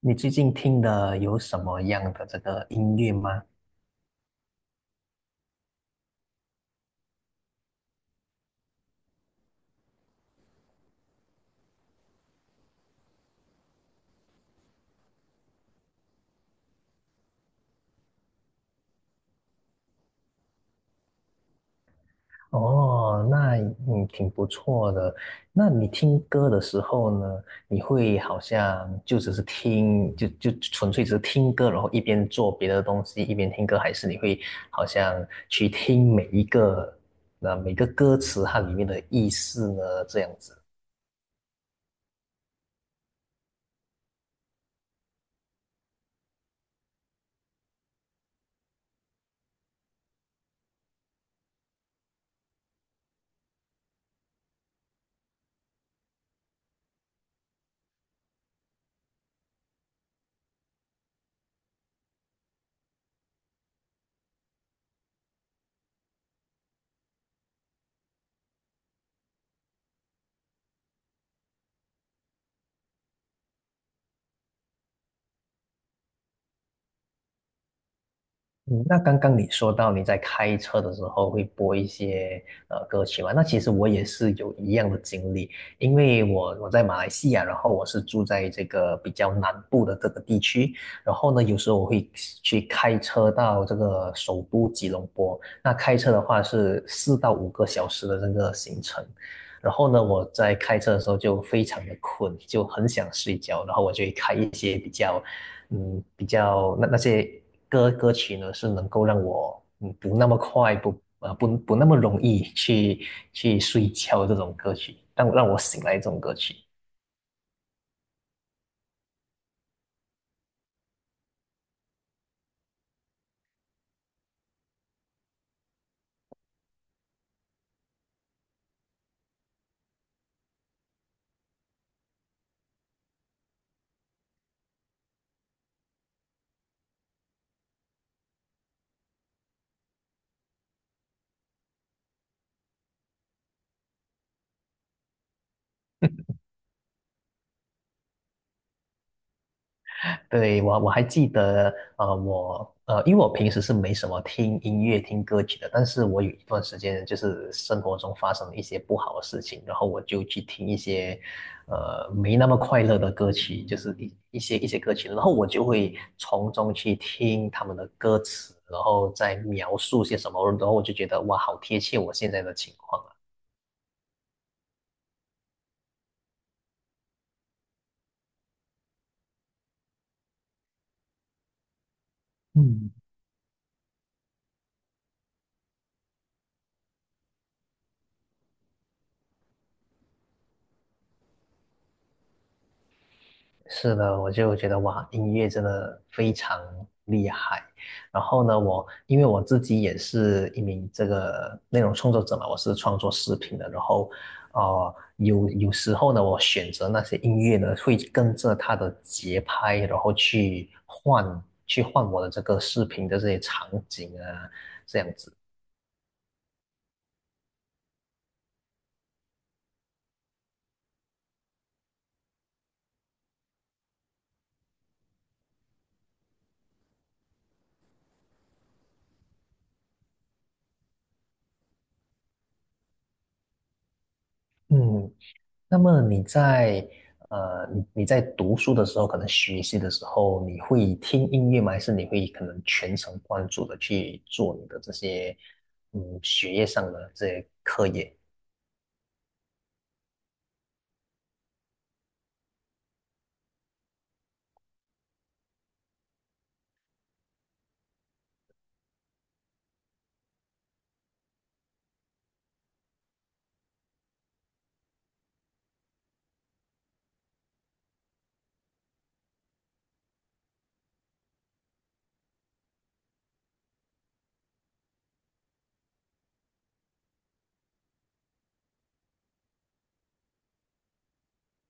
你最近听的有什么样的这个音乐吗？哦，那挺不错的。那你听歌的时候呢，你会好像就只是听，就纯粹只是听歌，然后一边做别的东西一边听歌，还是你会好像去听每个歌词它里面的意思呢？这样子。嗯，那刚刚你说到你在开车的时候会播一些歌曲嘛？那其实我也是有一样的经历，因为我在马来西亚，然后我是住在这个比较南部的这个地区，然后呢，有时候我会去开车到这个首都吉隆坡，那开车的话是4到5个小时的这个行程，然后呢，我在开车的时候就非常的困，就很想睡觉，然后我就会开一些比较那些歌曲呢，是能够让我不那么容易去睡觉的这种歌曲，让我醒来这种歌曲。对，我还记得，我因为我平时是没什么听音乐、听歌曲的，但是我有一段时间就是生活中发生了一些不好的事情，然后我就去听一些，没那么快乐的歌曲，就是一些歌曲，然后我就会从中去听他们的歌词，然后再描述些什么，然后我就觉得哇，好贴切我现在的情况啊。嗯，是的，我就觉得哇，音乐真的非常厉害。然后呢，因为我自己也是一名这个内容创作者嘛，我是创作视频的。然后，有时候呢，我选择那些音乐呢，会跟着它的节拍，然后去换我的这个视频的这些场景啊，这样子。嗯，那么你在读书的时候，可能学习的时候，你会听音乐吗？还是你会可能全程贯注的去做你的这些学业上的这些课业？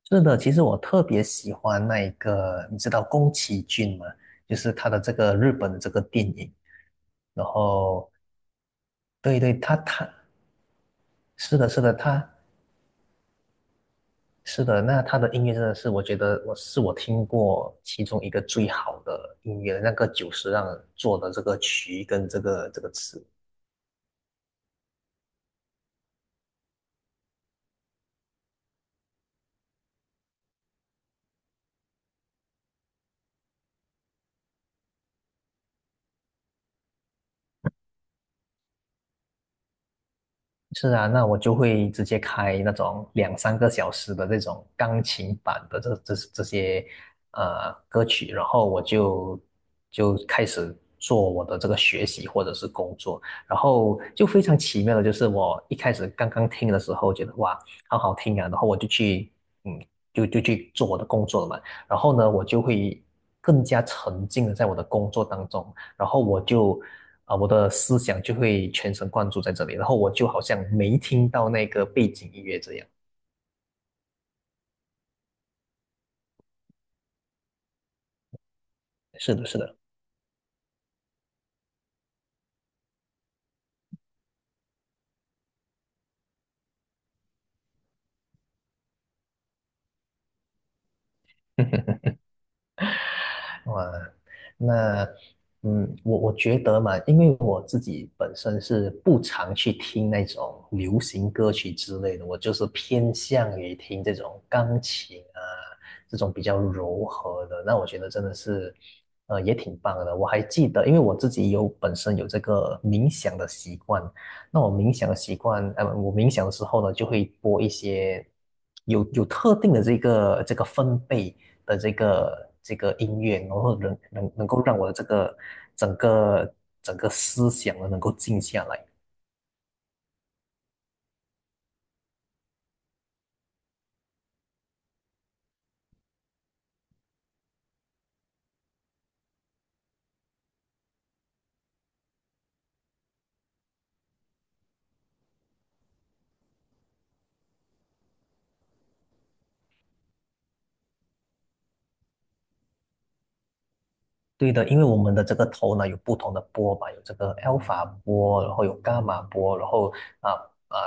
是的，其实我特别喜欢那一个，你知道宫崎骏吗？就是他的这个日本的这个电影，然后对对，他是的，是的，他是的，那他的音乐真的是，我觉得我是我听过其中一个最好的音乐，那个久石让做的这个曲跟这个词。是啊，那我就会直接开那种两三个小时的这种钢琴版的这些歌曲，然后我就开始做我的这个学习或者是工作，然后就非常奇妙的就是我一开始刚刚听的时候觉得哇好好听啊，然后我就去嗯就就去做我的工作了嘛，然后呢我就会更加沉浸的在我的工作当中，然后我就,我的思想就会全神贯注在这里，然后我就好像没听到那个背景音乐这样。是的，是的。哇，那我觉得嘛，因为我自己本身是不常去听那种流行歌曲之类的，我就是偏向于听这种钢琴啊，这种比较柔和的。那我觉得真的是，也挺棒的。我还记得，因为我自己本身有这个冥想的习惯，那我冥想的习惯，我冥想的时候呢，就会播一些有特定的这个分贝的这个音乐，然后能够让我的这个整个整个思想呢能够静下来。对的，因为我们的这个头呢有不同的波嘛，有这个 alpha 波，然后有伽马波，然后啊啊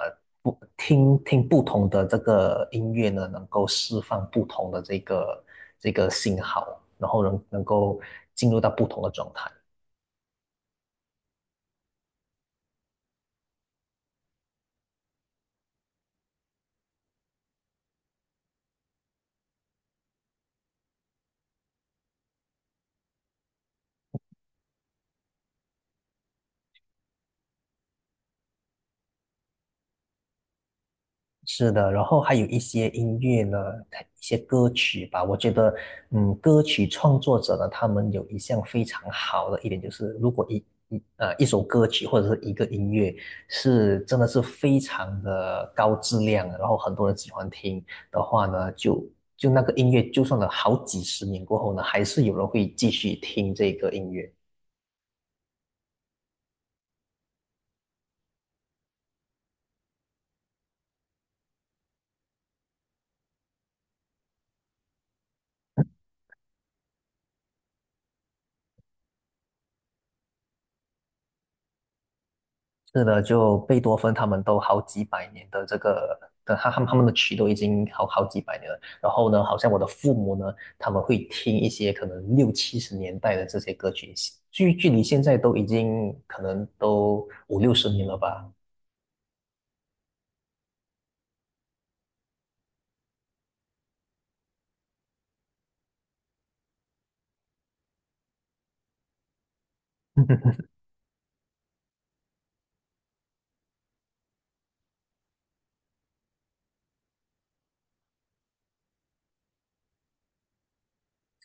不听不同的这个音乐呢，能够释放不同的这个信号，然后能够进入到不同的状态。是的，然后还有一些音乐呢，它一些歌曲吧，我觉得，歌曲创作者呢，他们有一项非常好的一点，就是如果一首歌曲或者是一个音乐是真的是非常的高质量，然后很多人喜欢听的话呢，就那个音乐，就算了好几十年过后呢，还是有人会继续听这个音乐。是的，就贝多芬他们都好几百年的这个的，他们的曲都已经好几百年了。然后呢，好像我的父母呢，他们会听一些可能六七十年代的这些歌曲，距离现在都已经可能都五六十年了吧。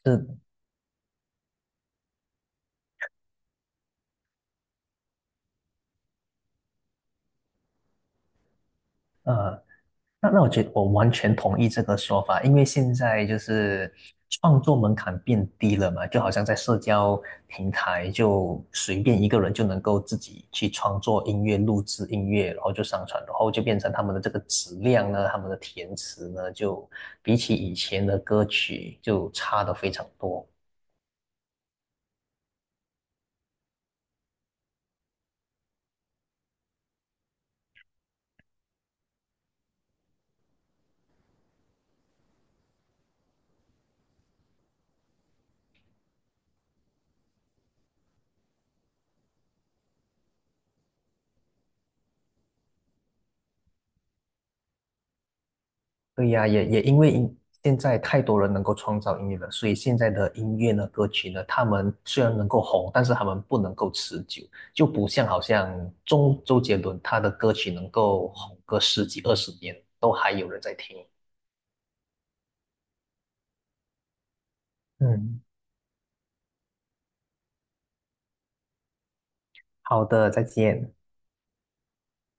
是，呃，那我觉得我完全同意这个说法，因为现在就是创作门槛变低了嘛，就好像在社交平台就随便一个人就能够自己去创作音乐、录制音乐，然后就上传，然后就变成他们的这个质量呢，他们的填词呢，就比起以前的歌曲就差的非常多。对呀，也因为现在太多人能够创造音乐了，所以现在的音乐呢、歌曲呢，他们虽然能够红，但是他们不能够持久，就不像好像周杰伦他的歌曲能够红个十几二十年，都还有人在听。嗯，好的，再见。